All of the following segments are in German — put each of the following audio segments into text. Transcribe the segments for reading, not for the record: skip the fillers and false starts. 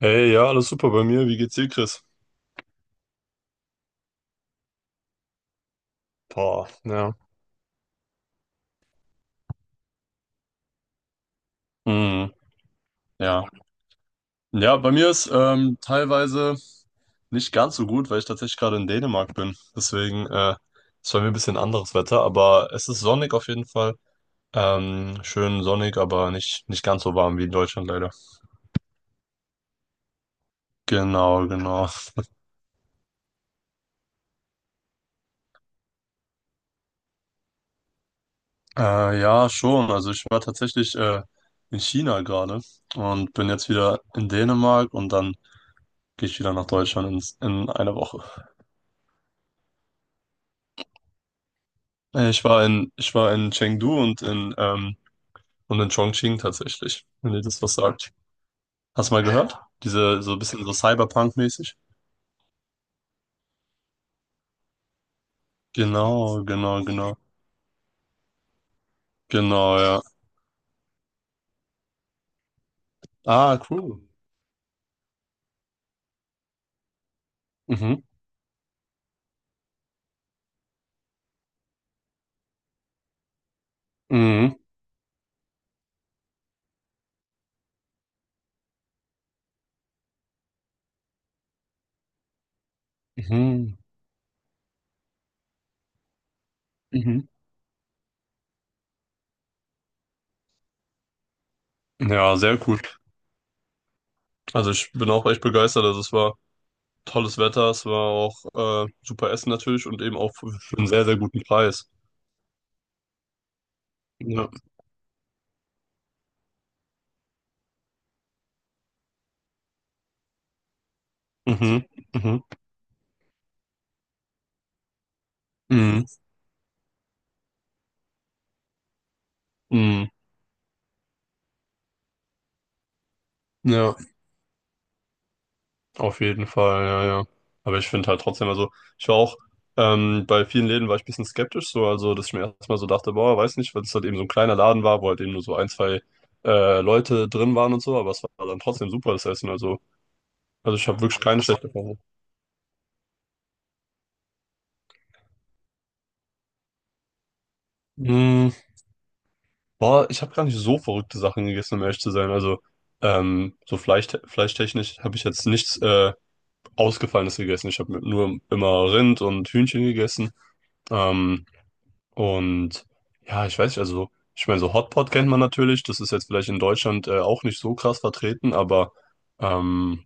Hey, ja, alles super bei mir. Wie geht's dir, Chris? Boah, ja. Hm, ja. Ja, bei mir ist teilweise nicht ganz so gut, weil ich tatsächlich gerade in Dänemark bin. Deswegen ist bei mir ein bisschen anderes Wetter, aber es ist sonnig auf jeden Fall. Schön sonnig, aber nicht, nicht ganz so warm wie in Deutschland leider. Genau, genau. Ja, schon. Also ich war tatsächlich in China gerade und bin jetzt wieder in Dänemark und dann gehe ich wieder nach Deutschland in einer Woche. Ich war in Chengdu und in Chongqing tatsächlich, wenn ihr das was sagt. Hast du mal gehört? Diese, so ein bisschen so Cyberpunk-mäßig? Genau, genau, genau. Genau, ja. Ah, cool. Mhm, mhm, mhm, mhm. Ja, sehr cool. Also ich bin auch echt begeistert. Also es war tolles Wetter, es war auch super Essen natürlich und eben auch für einen sehr, sehr guten Preis. Ja. Mhm, mhm, mhm, mhm. Ja. Auf jeden Fall, ja, ja. Aber ich finde halt trotzdem, also ich war auch, bei vielen Läden war ich ein bisschen skeptisch, so, also dass ich mir erstmal so dachte, boah, weiß nicht, weil es halt eben so ein kleiner Laden war, wo halt eben nur so ein, zwei Leute drin waren und so, aber es war dann trotzdem super, das Essen. Also, ich habe wirklich keine schlechte Erfahrung. Mm, Boah, ich habe gar nicht so verrückte Sachen gegessen, um ehrlich zu sein. Also, so fleischtechnisch habe ich jetzt nichts Ausgefallenes gegessen. Ich habe nur immer Rind und Hühnchen gegessen. Ähm, Und ja, ich weiß nicht, also ich meine, so Hotpot kennt man natürlich, das ist jetzt vielleicht in Deutschland auch nicht so krass vertreten, aber ähm,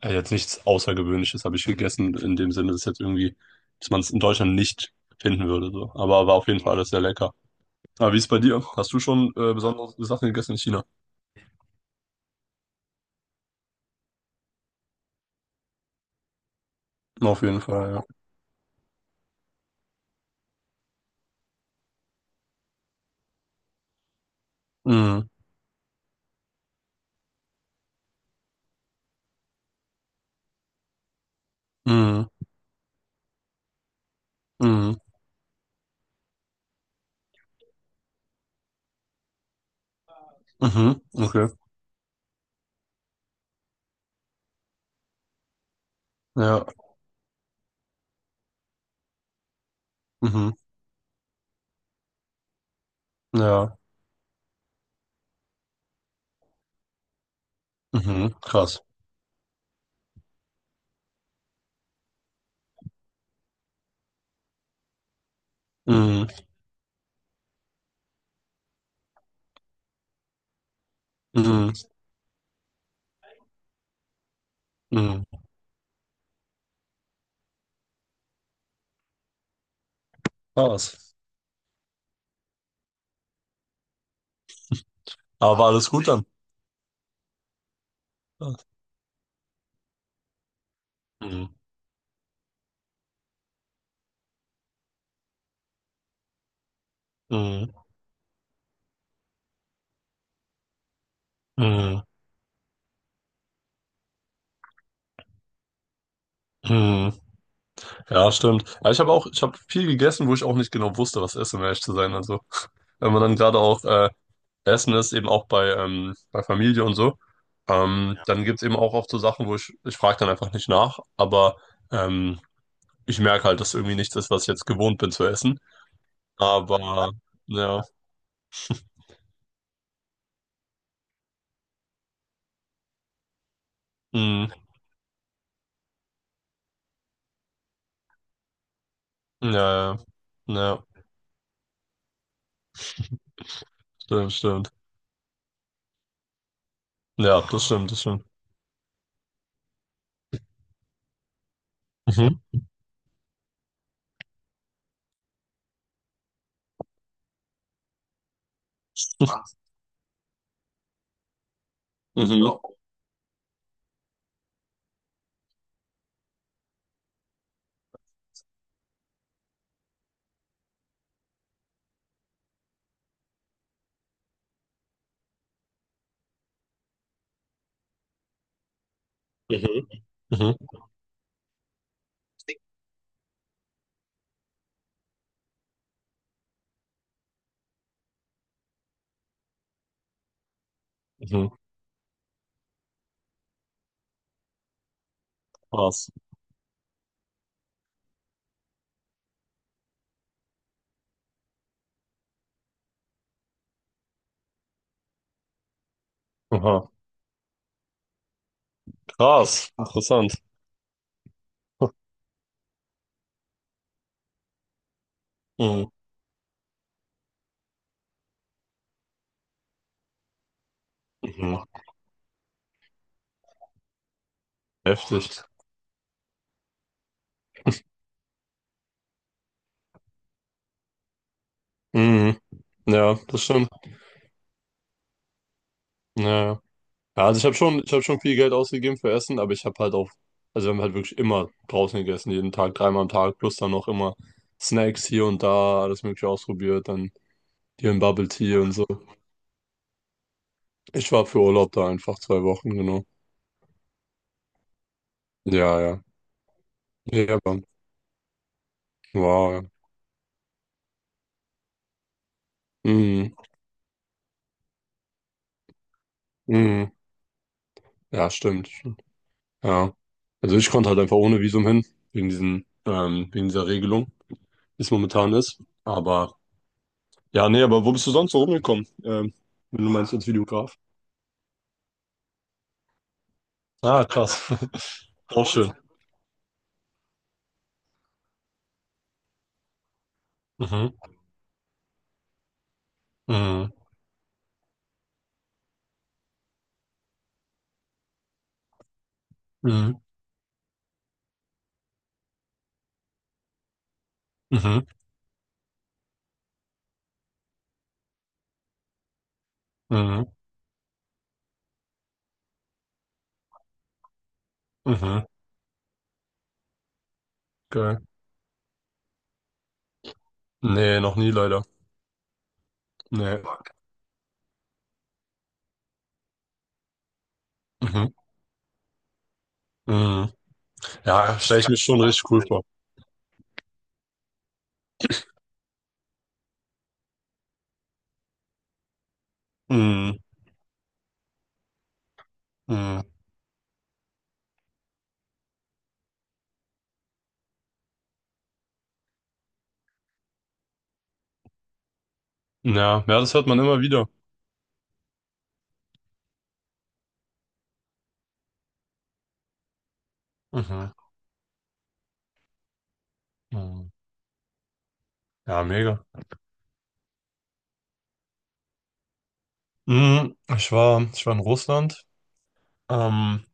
jetzt nichts Außergewöhnliches habe ich gegessen, in dem Sinne, dass jetzt irgendwie, dass man es in Deutschland nicht finden würde. So. Aber war auf jeden Fall alles sehr lecker. Aber wie ist es bei dir? Hast du schon besondere Sachen gegessen in China? Auf jeden Fall, ja. Mhm. Mhm. Mhm. Mhm. Okay. Ja. Mhm. Ja. Mhm. Krass. Mhm. Mhm. Mhm. Krass. Aber war alles gut dann? Mhm. Mhm. Mhm. Mhm. Ja, stimmt. Ja, ich habe viel gegessen, wo ich auch nicht genau wusste, was esse, um ehrlich zu sein. Also, wenn man dann gerade auch essen ist, eben auch bei Familie und so, ja. Dann gibt's eben auch oft so Sachen, wo ich frage dann einfach nicht nach, aber ähm, ich merke halt, dass irgendwie nichts ist, was ich jetzt gewohnt bin zu essen. Aber ja, mh, ja, ja, ja, stimmt, stimmt. Ja, das stimmt, das stimmt. Mhm. Mhm. Mhm. Mhm. Mhm. Krass. Aha. Krass. Interessant. Mhm. Mhm. Heftig. Mhm. Ja, das stimmt. Ja, ja. Ja, also ich habe schon viel Geld ausgegeben für Essen, aber ich habe halt auch, also wir haben halt wirklich immer draußen gegessen, jeden Tag, dreimal am Tag, plus dann noch immer Snacks hier und da, alles Mögliche ausprobiert, dann hier ein Bubble Tea und so. Ich war für Urlaub da einfach 2 Wochen, genau. Ja, ja. Ja, aber wow, ja. Mhm. Mhm. Ja, stimmt. Ja. Also ich konnte halt einfach ohne Visum hin, wegen dieser Regelung, wie es momentan ist. Aber ja, nee, aber wo bist du sonst so rumgekommen? Wenn du meinst als Videograf. Ah, krass. Auch schön. Mhm. Mhm. Mhm. Mhm. Mhm. Mhm. Geil. Nee, noch nie leider. Nee. Mhm. Mhm. Ja, stelle ich mir schon richtig cool vor. Mhm. Mhm. Ja, ja, das hört man immer wieder. Mhm. Mhm. Ja, mega. Mhm. Ich war in Russland. Ähm,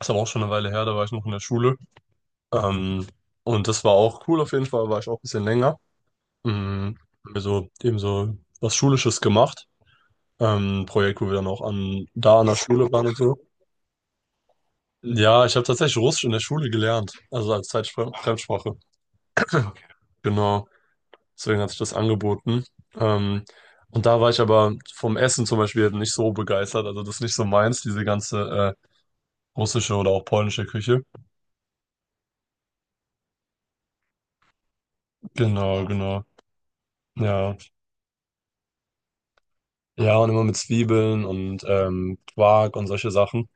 Ist aber auch schon eine Weile her, da war ich noch in der Schule. Ähm, und das war auch cool auf jeden Fall, war ich auch ein bisschen länger. Mhm. Haben wir so eben so was Schulisches gemacht. Ein Projekt, wo wir dann auch da an der Schule waren und so. Ja, ich habe tatsächlich Russisch in der Schule gelernt, also als Fremdsprache. Genau, deswegen hat sich das angeboten. Ähm, und da war ich aber vom Essen zum Beispiel halt nicht so begeistert. Also das ist nicht so meins, diese ganze russische oder auch polnische Küche. Genau, genau. Ja. Ja, und immer mit Zwiebeln und Quark und solche Sachen.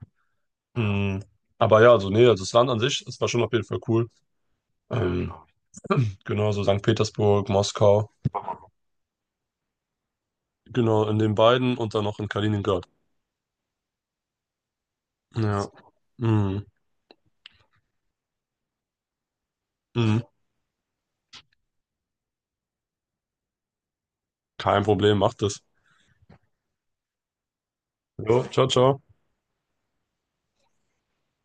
Mm, aber ja, also nee, also das Land an sich, das war schon auf jeden Fall cool. Ähm, genau, so St. Petersburg, Moskau, genau, in den beiden und dann noch in Kaliningrad. Ja. Mm, mm, kein Problem, macht es. Jo, ciao, ciao.